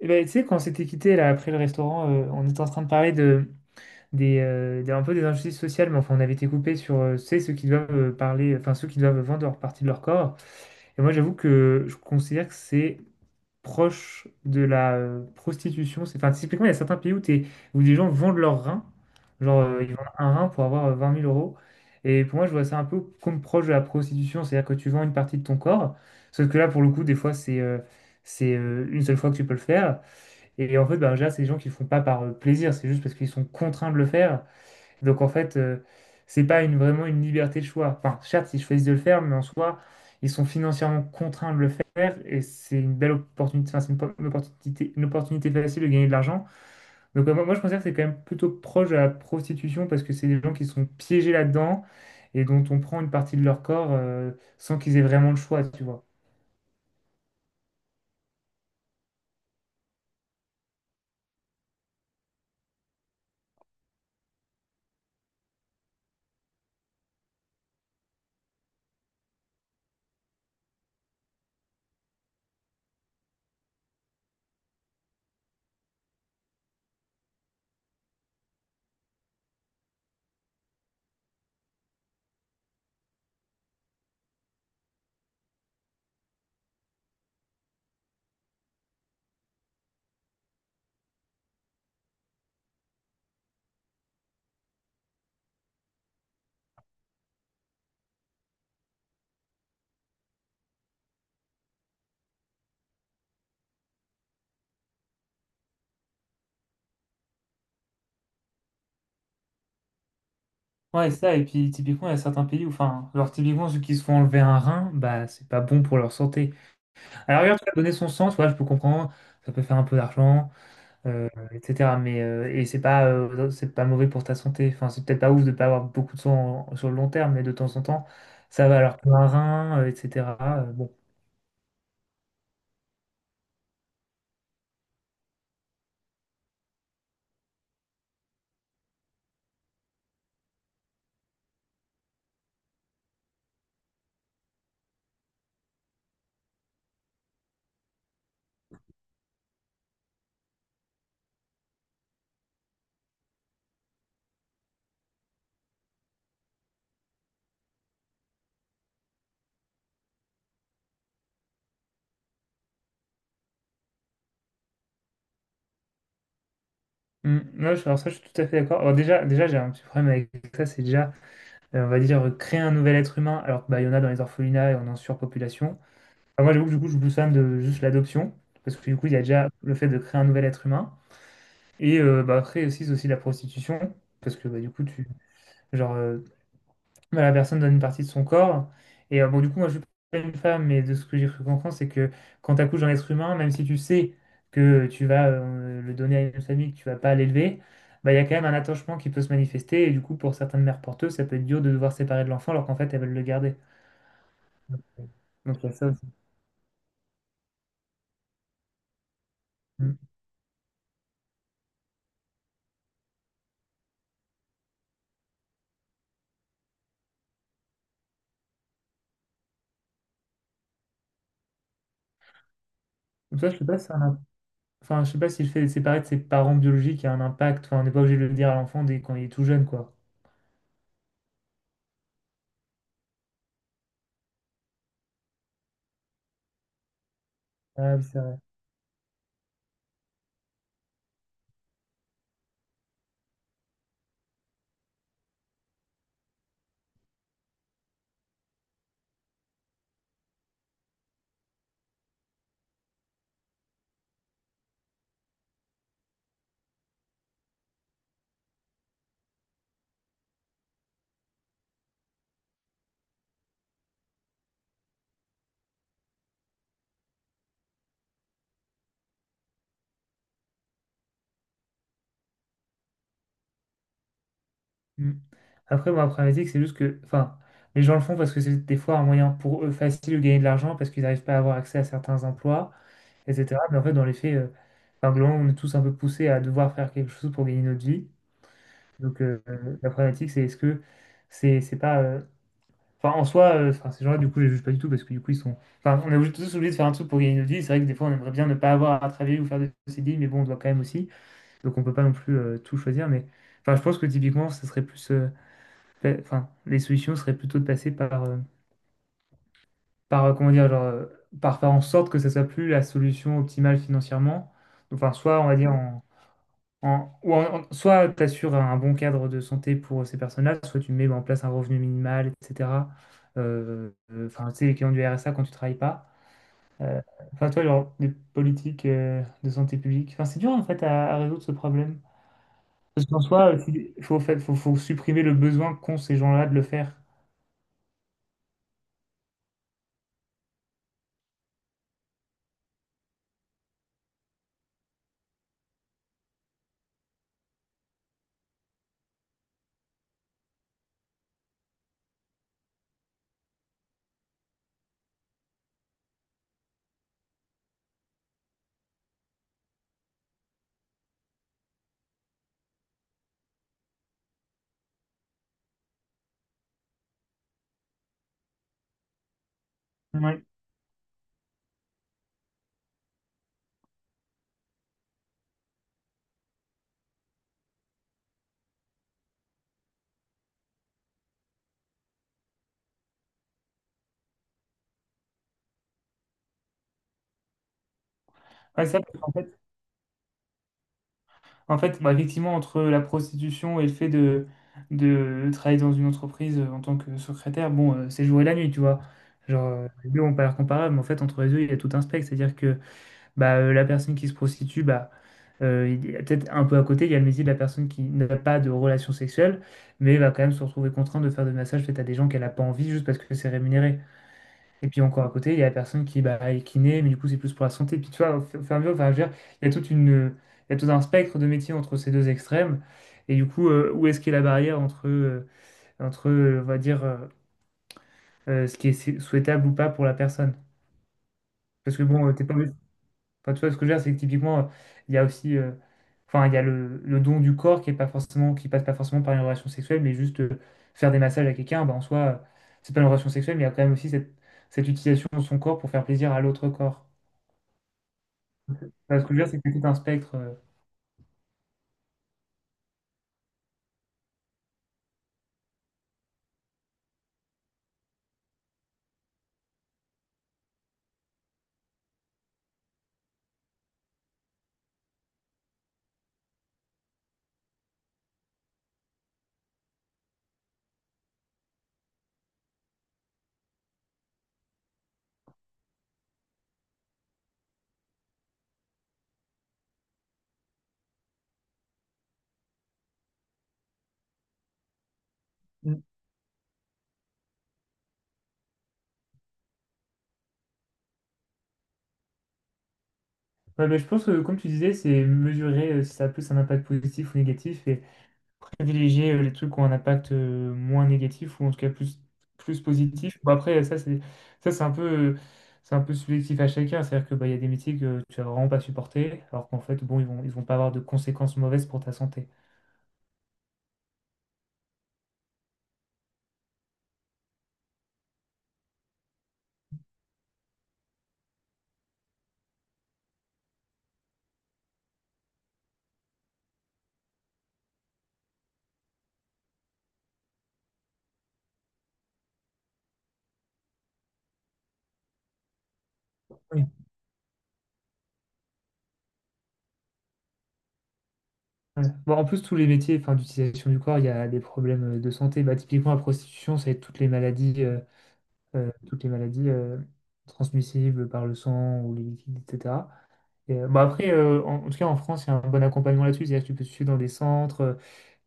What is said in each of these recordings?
Eh ben, tu sais, quand on s'était quitté là après le restaurant, on était en train de parler un peu des injustices sociales, mais enfin on avait été coupé sur tu sais, ceux qui doivent parler, enfin ceux qui doivent vendre leur partie de leur corps. Et moi j'avoue que je considère que c'est proche de la prostitution. C'est, enfin, typiquement, il y a certains pays où des gens vendent leurs reins, genre ils vendent un rein pour avoir 20 000 euros. Et pour moi, je vois ça un peu comme proche de la prostitution, c'est-à-dire que tu vends une partie de ton corps, sauf que là, pour le coup, des fois, c'est une seule fois que tu peux le faire. Et en fait, bah, déjà, c'est des gens qui le font pas par plaisir, c'est juste parce qu'ils sont contraints de le faire. Donc en fait, c'est pas une, vraiment une liberté de choix. Enfin, certes, ils choisissent de le faire, mais en soi, ils sont financièrement contraints de le faire et c'est une belle opportunité, enfin, c'est une opportunité facile de gagner de l'argent. Donc moi, je considère que c'est quand même plutôt proche de la prostitution parce que c'est des gens qui sont piégés là-dedans et dont on prend une partie de leur corps sans qu'ils aient vraiment le choix, tu vois. Ouais, c'est ça, et puis typiquement, il y a certains pays où, enfin, genre typiquement ceux qui se font enlever un rein, bah c'est pas bon pour leur santé. Alors regarde, tu vas donner son sang, tu vois, je peux comprendre, ça peut faire un peu d'argent, etc. Mais et c'est pas mauvais pour ta santé. Enfin, c'est peut-être pas ouf de pas avoir beaucoup de sur le long terme, mais de temps en temps, ça va. Alors pour un rein, etc. euh, bon, alors ça, je suis tout à fait d'accord. Alors déjà, j'ai un petit problème avec ça, c'est déjà, on va dire, créer un nouvel être humain, alors que, bah, il y en a dans les orphelinats et on est en surpopulation. Alors moi, j'avoue que du coup, je pousse fan de juste l'adoption, parce que du coup, il y a déjà le fait de créer un nouvel être humain. Et bah, après aussi, c'est aussi la prostitution, parce que bah, genre, euh, bah, la personne donne une partie de son corps. Et bon, du coup, moi, je suis pas une femme, mais de ce que j'ai cru comprendre, c'est que quand tu accouches d'un être humain, même si tu sais que tu vas le donner à une famille, que tu vas pas l'élever, bah, il y a quand même un attachement qui peut se manifester. Et du coup, pour certaines mères porteuses, ça peut être dur de devoir séparer de l'enfant, alors qu'en fait, elles veulent le garder. Donc, il y a ça aussi. Mm. Donc, ça, je sais pas si c'est un Enfin, je sais pas si le fait d'être séparé de ses parents biologiques a un impact. Enfin, on n'est pas obligé de le dire à l'enfant dès quand il est tout jeune, quoi. Ah oui, c'est vrai. Mm. Après, moi, après problématique, c'est juste que, enfin, les gens le font parce que c'est des fois un moyen pour eux facile de gagner de l'argent parce qu'ils n'arrivent pas à avoir accès à certains emplois, etc. Mais en fait, dans les faits, enfin, globalement, on est tous un peu poussés à devoir faire quelque chose pour gagner notre vie. Donc, la problématique, c'est est-ce que c'est pas. Enfin, en soi, enfin, ces gens-là, du coup, je les juge pas du tout parce que du coup, ils sont. Enfin, tous obligés de faire un truc pour gagner notre vie. C'est vrai que des fois, on aimerait bien ne pas avoir à travailler ou faire de CDI, mais bon, on doit quand même aussi. Donc, on peut pas non plus tout choisir. Mais enfin, je pense que typiquement, ça serait plus. Enfin, les solutions seraient plutôt de passer par, comment dire, par faire en sorte que ça soit plus la solution optimale financièrement. Donc, enfin, soit, on va dire, soit tu assures un bon cadre de santé pour ces personnes-là, soit tu mets en place un revenu minimal, etc. Enfin, tu sais, l'équivalent du RSA quand tu travailles pas. Euh, Enfin, toi, genre, des politiques de santé publique. Enfin, c'est dur, en fait, à résoudre ce problème. Parce qu'en soi, il faut, fa- faut, faut supprimer le besoin qu'ont ces gens-là de le faire. Ouais. Ouais, ça, En fait, bah, effectivement, entre la prostitution et le fait de travailler dans une entreprise en tant que secrétaire, bon, c'est le jour et la nuit, tu vois. Genre, les deux ont pas l'air comparables, mais en fait, entre les deux, il y a tout un spectre. C'est-à-dire que bah, la personne qui se prostitue, bah, il y a peut-être un peu à côté, il y a le métier de la personne qui n'a pas de relation sexuelle, mais va quand même se retrouver contrainte de faire des massages faits à des gens qu'elle n'a pas envie juste parce que c'est rémunéré. Et puis encore à côté, il y a la personne qui bah, est kiné, mais du coup, c'est plus pour la santé. Puis tu vois, au fur et à mesure, enfin, je veux dire, il y a toute une, il y a tout un spectre de métiers entre ces deux extrêmes. Et du coup, où est-ce qu'est la barrière entre, on va dire, ce qui est sou- souhaitable ou pas pour la personne? Parce que bon, t'es pas obligé, enfin, tu vois, ce que je veux dire, c'est que typiquement, il y a aussi... enfin, il y a le don du corps qui est pas forcément, qui passe pas forcément par une relation sexuelle, mais juste faire des massages à quelqu'un, bah, en soi, c'est pas une relation sexuelle, mais il y a quand même aussi cette utilisation de son corps pour faire plaisir à l'autre corps. Enfin, ce que je veux dire, c'est que c'est tout un spectre. Mm. Ouais, mais je pense que, comme tu disais, c'est mesurer si ça a plus un impact positif ou négatif et privilégier les trucs qui ont un impact moins négatif ou en tout cas plus positif. Bon, après, ça, c'est un peu, c'est un peu subjectif à chacun. C'est-à-dire que, bah, il y a des métiers que tu vas vraiment pas supporter, alors qu'en fait, bon, ils vont pas avoir de conséquences mauvaises pour ta santé. Oui. Ouais. Bon, en plus, tous les métiers enfin, d'utilisation du corps, il y a des problèmes de santé. Bah, typiquement, la prostitution, c'est toutes les maladies. Toutes les maladies transmissibles par le sang ou les liquides, etc. Et, bon, après, en tout cas, en France, il y a un bon accompagnement là-dessus. C'est-à-dire que tu peux te suivre dans des centres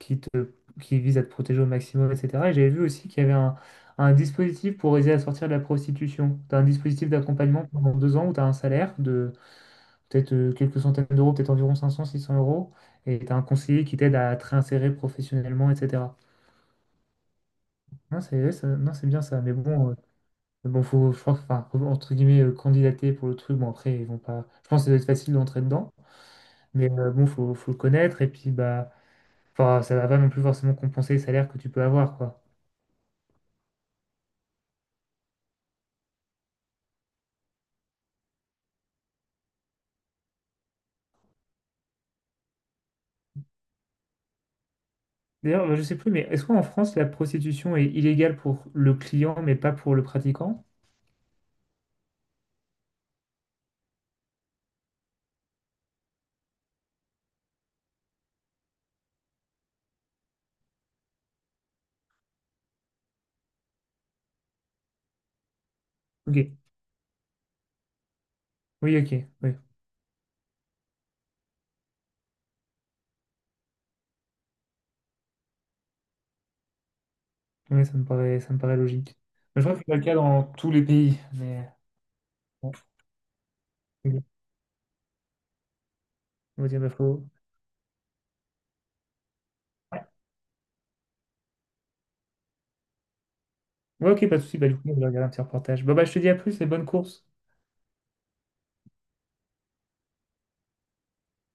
qui te, qui visent à te protéger au maximum, etc. Et j'avais vu aussi qu'il y avait un dispositif pour aider à sortir de la prostitution. Tu as un dispositif d'accompagnement pendant 2 ans où tu as un salaire de peut-être quelques centaines d'euros, peut-être environ 500, 600 euros. Et tu as un conseiller qui t'aide à te réinsérer professionnellement, etc. Non, c'est ouais, ça- non, c'est bien ça. Mais bon, mais bon, je crois que, enfin, faut, entre guillemets, candidater pour le truc, bon, après, ils vont pas. Je pense que ça doit être facile d'entrer dedans, mais bon, faut le connaître, et puis, bah, enfin, ça va pas non plus forcément compenser les salaires que tu peux avoir, quoi. D'ailleurs, je sais plus, mais est-ce qu'en France, la prostitution est illégale pour le client, mais pas pour le pratiquant? Ok. Oui, ok, oui. Oui, ça me paraît logique. Mais je crois que c'est pas le cas dans tous les pays, mais bon, ok. on va dire, bah, faut- Ouais, ok, pas de souci, bah, du coup, on va regarder un petit reportage. Bah, bah, je te dis à plus et bonne course.